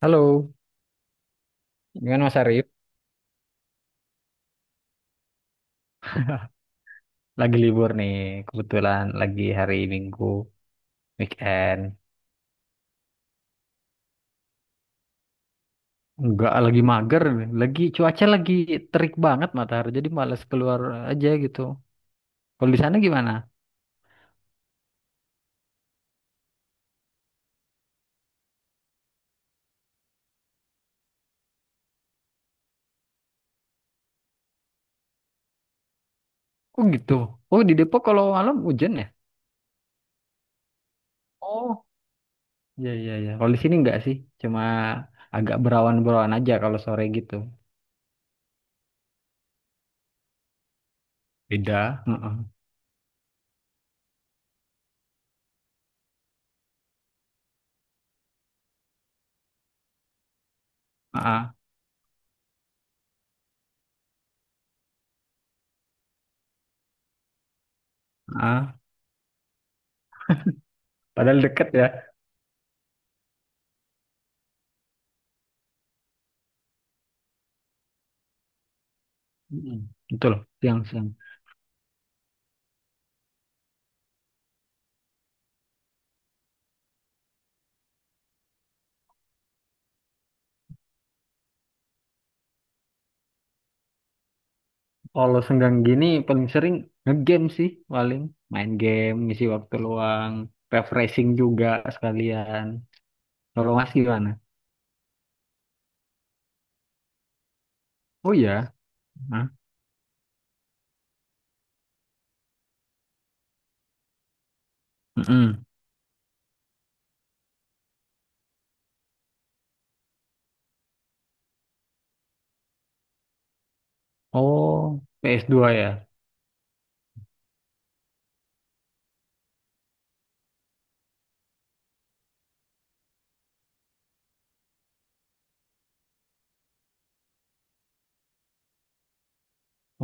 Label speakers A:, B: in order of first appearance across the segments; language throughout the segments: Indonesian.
A: Halo, gimana Mas Arif? Lagi libur nih, kebetulan lagi hari Minggu, weekend. Nggak lagi mager, lagi cuaca lagi terik banget matahari, jadi malas keluar aja gitu. Kalau di sana gimana? Oh gitu. Oh di Depok kalau malam hujan ya? Oh, iya iya iya. Kalau di sini nggak sih, cuma agak berawan-berawan aja kalau sore gitu. Beda. Heeh. Heeh. Heeh. Padahal deket ya. Mm. Betul. Siang-siang. Kalau senggang gini paling sering ngegame sih, paling main game, ngisi waktu luang, refreshing juga sekalian. Kalau Mas gimana? Oh ya. Hah? Mm-mm. Oh, ps dua ya.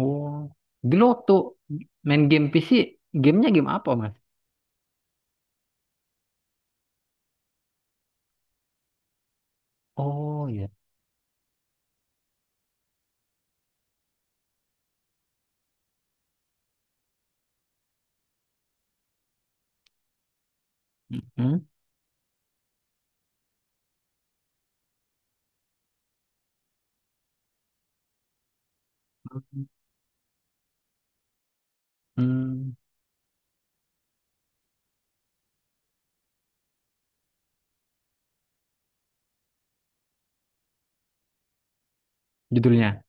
A: Oh, dulu waktu main game PC, gamenya game apa Mas? Oh ya. Hmm? Hmm, judulnya.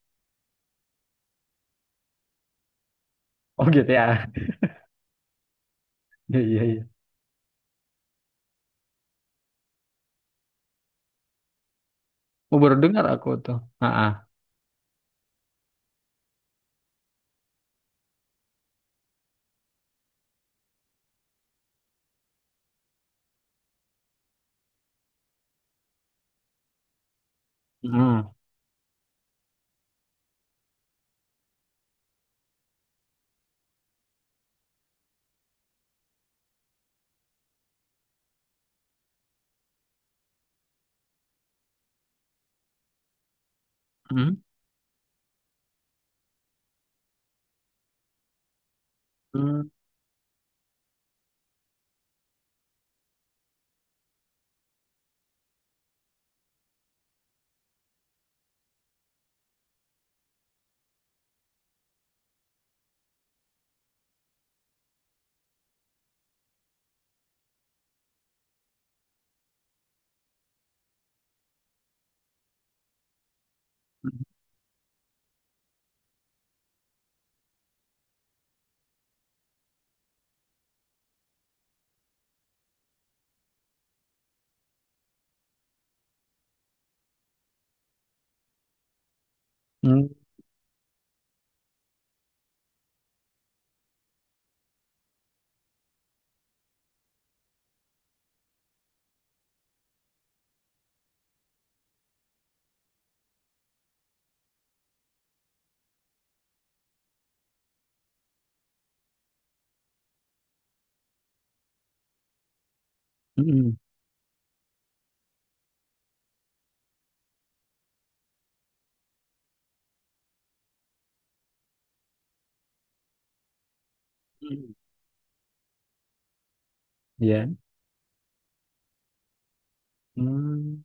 A: Oh gitu ya. Iya iya iya. Oh baru dengar aku tuh. Ah, ah. Hmm. Hmm. Hmm. Hmm. Hmm. Iya. Hmm.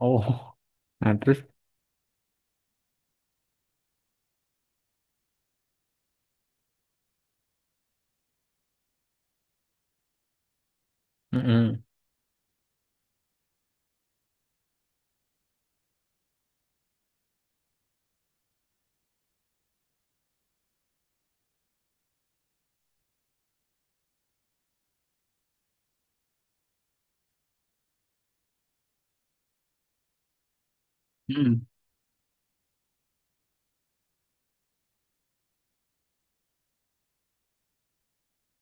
A: Oh, nah terus, mm-mm, mm-mm.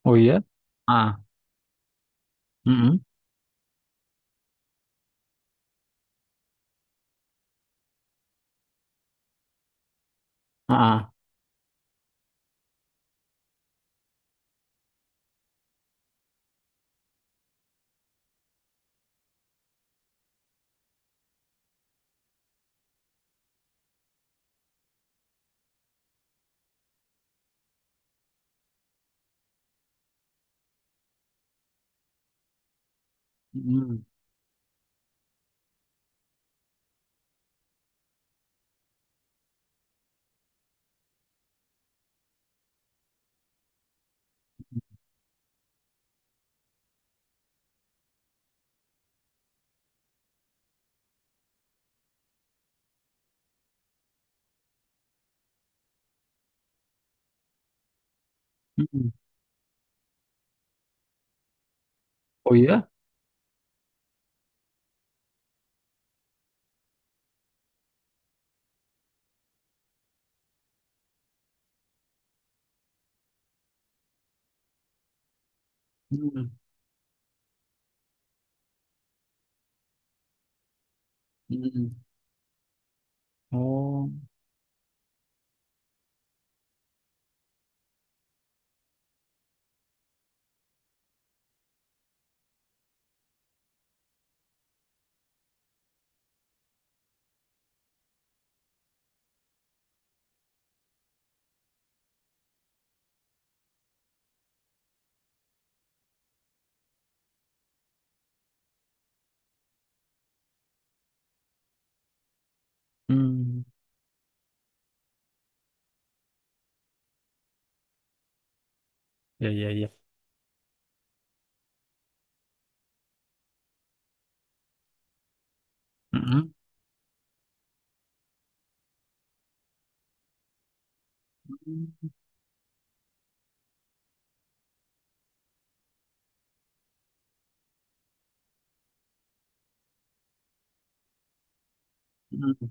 A: Oh iya, ah, mm-mm, ah, ah, mm-mm, mm-mm. Oh iya, mm-mm, mm-mm. Oh, mm. Ya, ya, ya, mm-mm, mm-mm.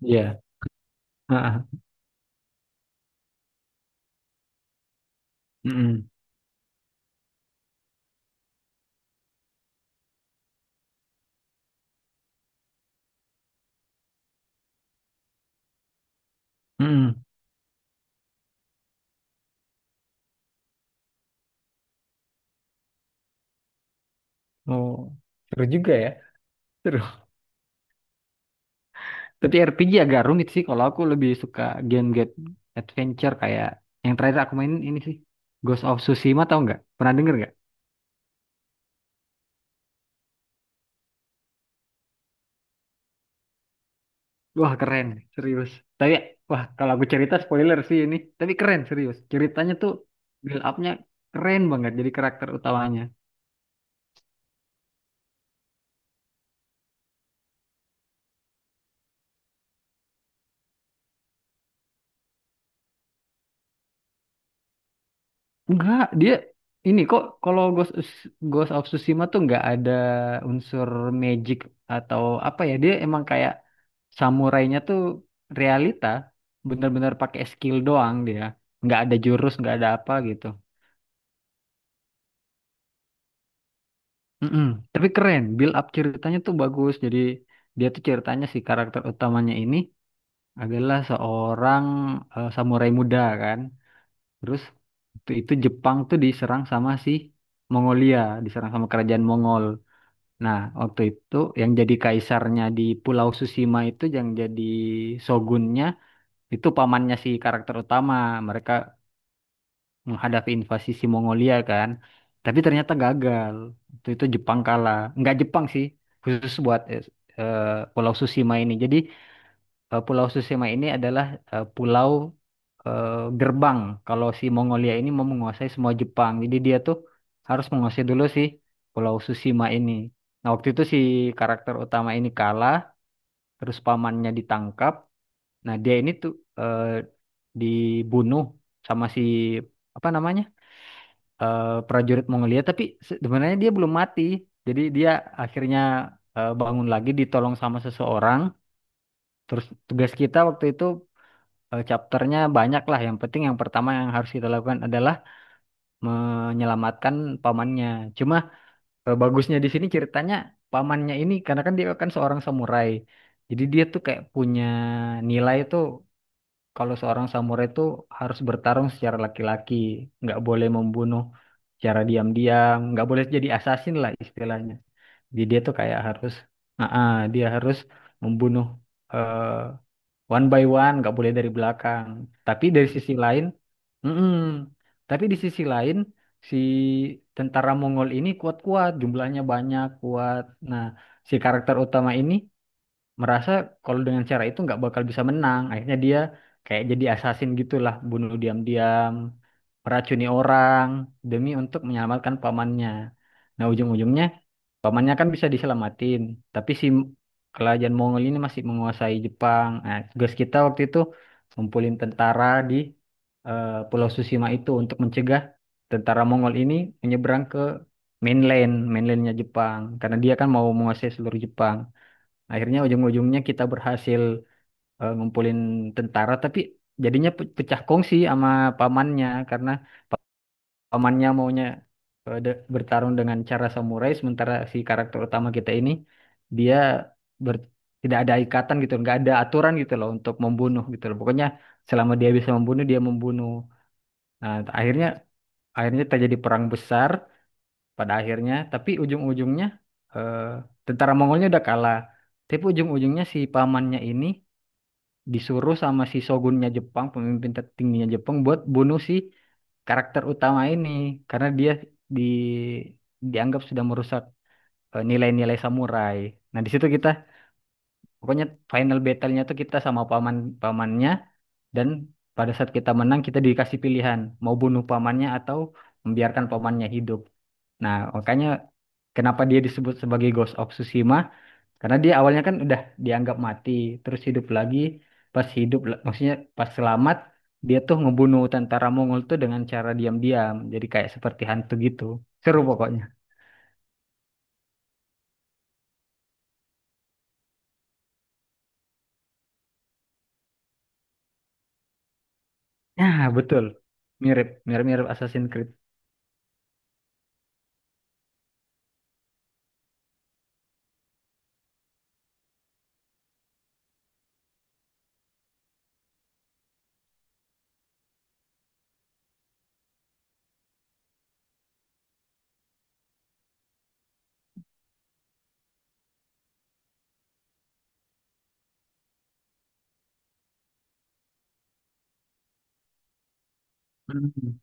A: Ya, ah, ah, mm-mm, mm-mm. Oh, seru juga ya, seru. Tapi RPG agak rumit sih, kalau aku lebih suka game-game adventure kayak yang terakhir aku mainin ini sih, Ghost of Tsushima tau nggak? Pernah denger nggak? Wah keren, serius. Tapi wah kalau aku cerita spoiler sih ini. Tapi keren serius. Ceritanya tuh build up-nya keren banget jadi karakter utamanya. Enggak, dia ini kok kalau Ghost, Ghost of Tsushima tuh nggak ada unsur magic atau apa ya. Dia emang kayak samurainya tuh realita, bener-bener pakai skill doang dia. Nggak ada jurus, nggak ada apa gitu. Mm-mm. Tapi keren, build up ceritanya tuh bagus. Jadi dia tuh ceritanya si karakter utamanya ini adalah seorang samurai muda kan. Terus waktu itu Jepang tuh diserang sama si Mongolia, diserang sama kerajaan Mongol. Nah, waktu itu yang jadi kaisarnya di Pulau Susima itu yang jadi shogunnya itu pamannya si karakter utama. Mereka menghadapi invasi si Mongolia kan. Tapi ternyata gagal. Waktu itu Jepang kalah. Nggak Jepang sih, khusus buat eh, Pulau Susima ini. Jadi Pulau Susima ini adalah pulau eh, gerbang. Kalau si Mongolia ini mau menguasai semua Jepang, jadi dia tuh harus menguasai dulu si Pulau Susima ini. Nah, waktu itu si karakter utama ini kalah, terus pamannya ditangkap. Nah, dia ini tuh eh, dibunuh sama si apa namanya prajurit Mongolia, tapi sebenarnya dia belum mati. Jadi dia akhirnya bangun lagi, ditolong sama seseorang. Terus tugas kita waktu itu chapternya banyak lah. Yang penting yang pertama yang harus kita lakukan adalah menyelamatkan pamannya. Cuma bagusnya di sini ceritanya, pamannya ini karena kan dia kan seorang samurai. Jadi dia tuh kayak punya nilai tuh kalau seorang samurai tuh harus bertarung secara laki-laki, nggak boleh membunuh secara diam-diam, nggak boleh jadi assassin lah istilahnya. Jadi dia tuh kayak harus, dia harus membunuh eh, one by one, nggak boleh dari belakang. Tapi dari sisi lain, mm-mm. Tapi di sisi lain, si tentara Mongol ini kuat-kuat, jumlahnya banyak, kuat. Nah, si karakter utama ini merasa kalau dengan cara itu nggak bakal bisa menang. Akhirnya dia kayak jadi assassin gitulah, bunuh diam-diam, meracuni orang demi untuk menyelamatkan pamannya. Nah, ujung-ujungnya pamannya kan bisa diselamatin, tapi si kerajaan Mongol ini masih menguasai Jepang. Nah, tugas kita waktu itu ngumpulin tentara di Pulau Susima itu untuk mencegah tentara Mongol ini menyeberang ke mainland, mainlandnya Jepang, karena dia kan mau menguasai seluruh Jepang. Akhirnya ujung-ujungnya kita berhasil ngumpulin tentara, tapi jadinya pecah kongsi sama pamannya karena pamannya maunya bertarung dengan cara samurai, sementara si karakter utama kita ini dia ber- tidak ada ikatan gitu, nggak ada aturan gitu loh untuk membunuh gitu loh, pokoknya selama dia bisa membunuh dia membunuh. Nah akhirnya, terjadi perang besar pada akhirnya, tapi ujung-ujungnya eh, tentara Mongolnya udah kalah, tapi ujung-ujungnya si pamannya ini disuruh sama si shogunnya Jepang, pemimpin tertingginya Jepang buat bunuh si karakter utama ini karena dia di dianggap sudah merusak nilai-nilai samurai. Nah, di situ kita pokoknya final battle-nya tuh kita sama paman, pamannya, dan pada saat kita menang kita dikasih pilihan mau bunuh pamannya atau membiarkan pamannya hidup. Nah, makanya kenapa dia disebut sebagai Ghost of Tsushima karena dia awalnya kan udah dianggap mati, terus hidup lagi. Pas hidup, maksudnya pas selamat, dia tuh ngebunuh tentara Mongol tuh dengan cara diam-diam. Jadi kayak seperti hantu gitu. Seru pokoknya. Nah, betul. Mirip, mirip-mirip Assassin's Creed. Mhm.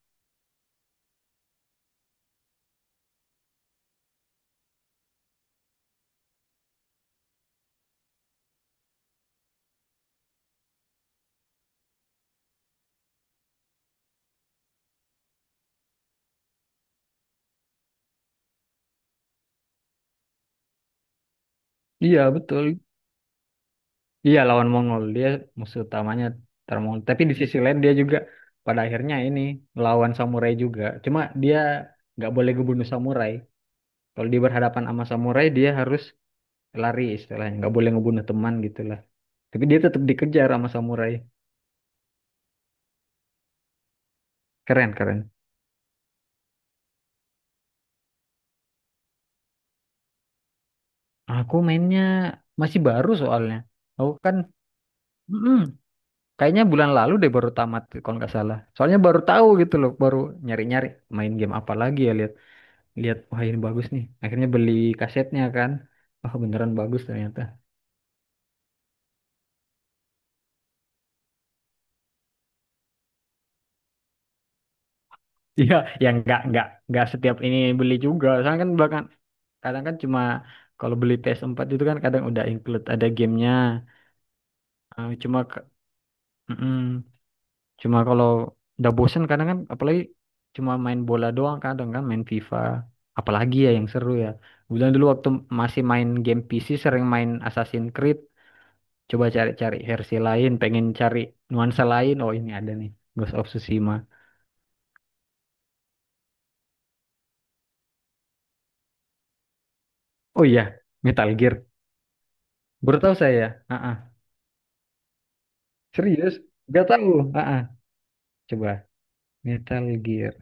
A: Iya, betul. Iya, lawan Mongol. Dia musuh utamanya tentara Mongol. Tapi di sisi lain dia juga pada akhirnya ini lawan samurai juga. Cuma dia nggak boleh ngebunuh samurai. Kalau dia berhadapan sama samurai, dia harus lari, istilahnya nggak boleh ngebunuh teman gitulah, tapi dia tetap dikejar sama samurai. Keren keren. Aku mainnya masih baru soalnya, aku kan mm-mm, kayaknya bulan lalu deh baru tamat kalau nggak salah, soalnya baru tahu gitu loh, baru nyari nyari main game apa lagi ya, lihat lihat wah ini bagus nih, akhirnya beli kasetnya kan, wah beneran bagus ternyata. Iya ya, nggak setiap ini beli juga soalnya kan, bahkan kadang kan cuma kalau beli PS4 itu kan kadang udah include ada gamenya. Eh, cuma ke- Mm-mm. Cuma kalau udah bosen kadang kan, apalagi cuma main bola doang kadang kan main FIFA, apalagi ya yang seru ya. Bulan dulu waktu masih main game PC sering main Assassin's Creed, coba cari-cari versi lain, pengen cari nuansa lain, oh ini ada nih Ghost of Tsushima. Oh iya, Metal Gear, baru tahu saya. Ah Serius? Gak tahu. Ah Coba Metal Gear.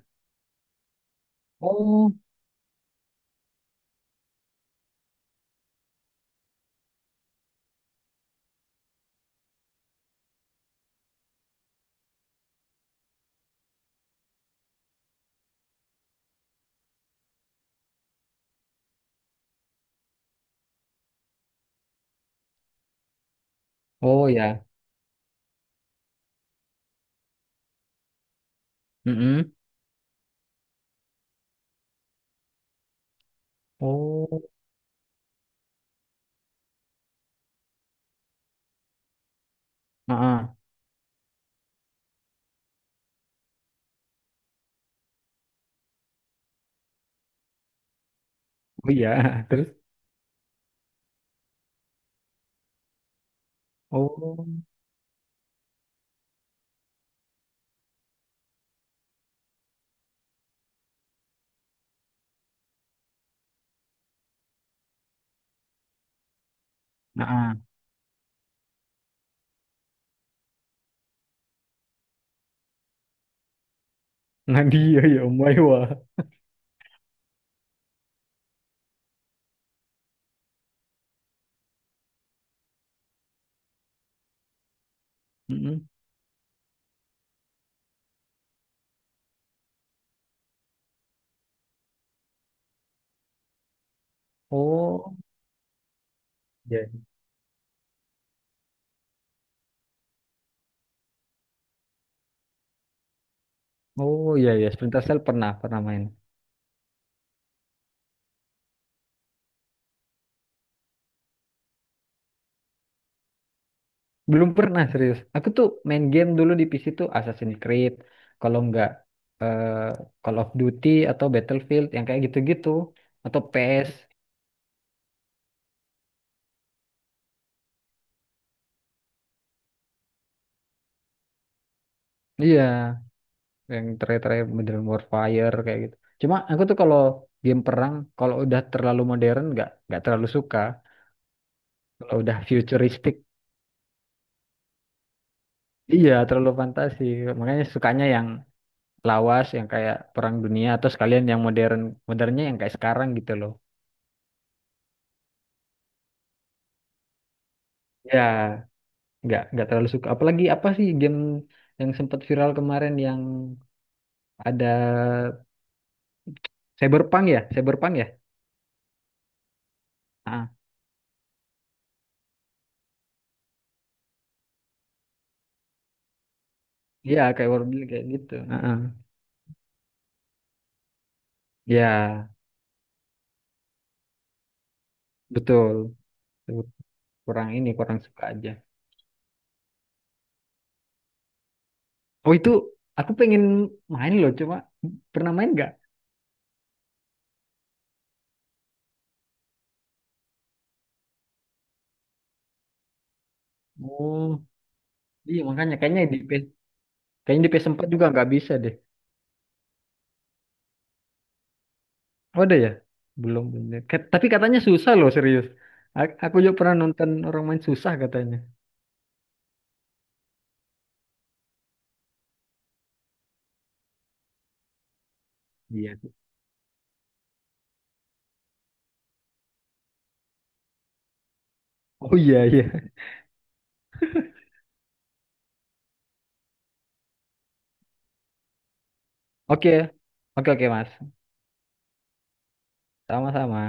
A: Oh, oh ya. Mm-mm. Oh. ah Oh iya. Terus. Oh. ah Nadia ya Om Maiwa. Mm-mm. Oh. Ya. Oh iya ya, Splinter Cell pernah pernah main. Belum pernah serius. Aku tuh main game dulu di PC tuh Assassin's Creed, kalau nggak eh, Call of Duty atau Battlefield yang kayak gitu-gitu atau PES. Iya, yang terakhir-terakhir Modern Warfare kayak gitu. Cuma aku tuh kalau game perang kalau udah terlalu modern nggak terlalu suka. Kalau udah futuristik, iya terlalu fantasi. Makanya sukanya yang lawas yang kayak Perang Dunia atau sekalian yang modern, modernnya yang kayak sekarang gitu loh. Ya, nggak terlalu suka. Apalagi apa sih game yang sempat viral kemarin yang ada, Cyberpunk ya, Cyberpunk ya. Ah. Iya, kayak world building kayak gitu. Heeh. Ya, betul. Kurang ini, kurang suka aja. Oh itu, aku pengen main loh, coba pernah main nggak? Oh. Iya, makanya kayaknya di PS, kayaknya di PS4 juga nggak bisa deh. Oh, ada ya? Belum punya. Tapi katanya susah loh, serius. Aku juga pernah nonton orang main susah katanya. Iya. Oh iya, iya. Oke. Oke, oke, Mas. Sama-sama.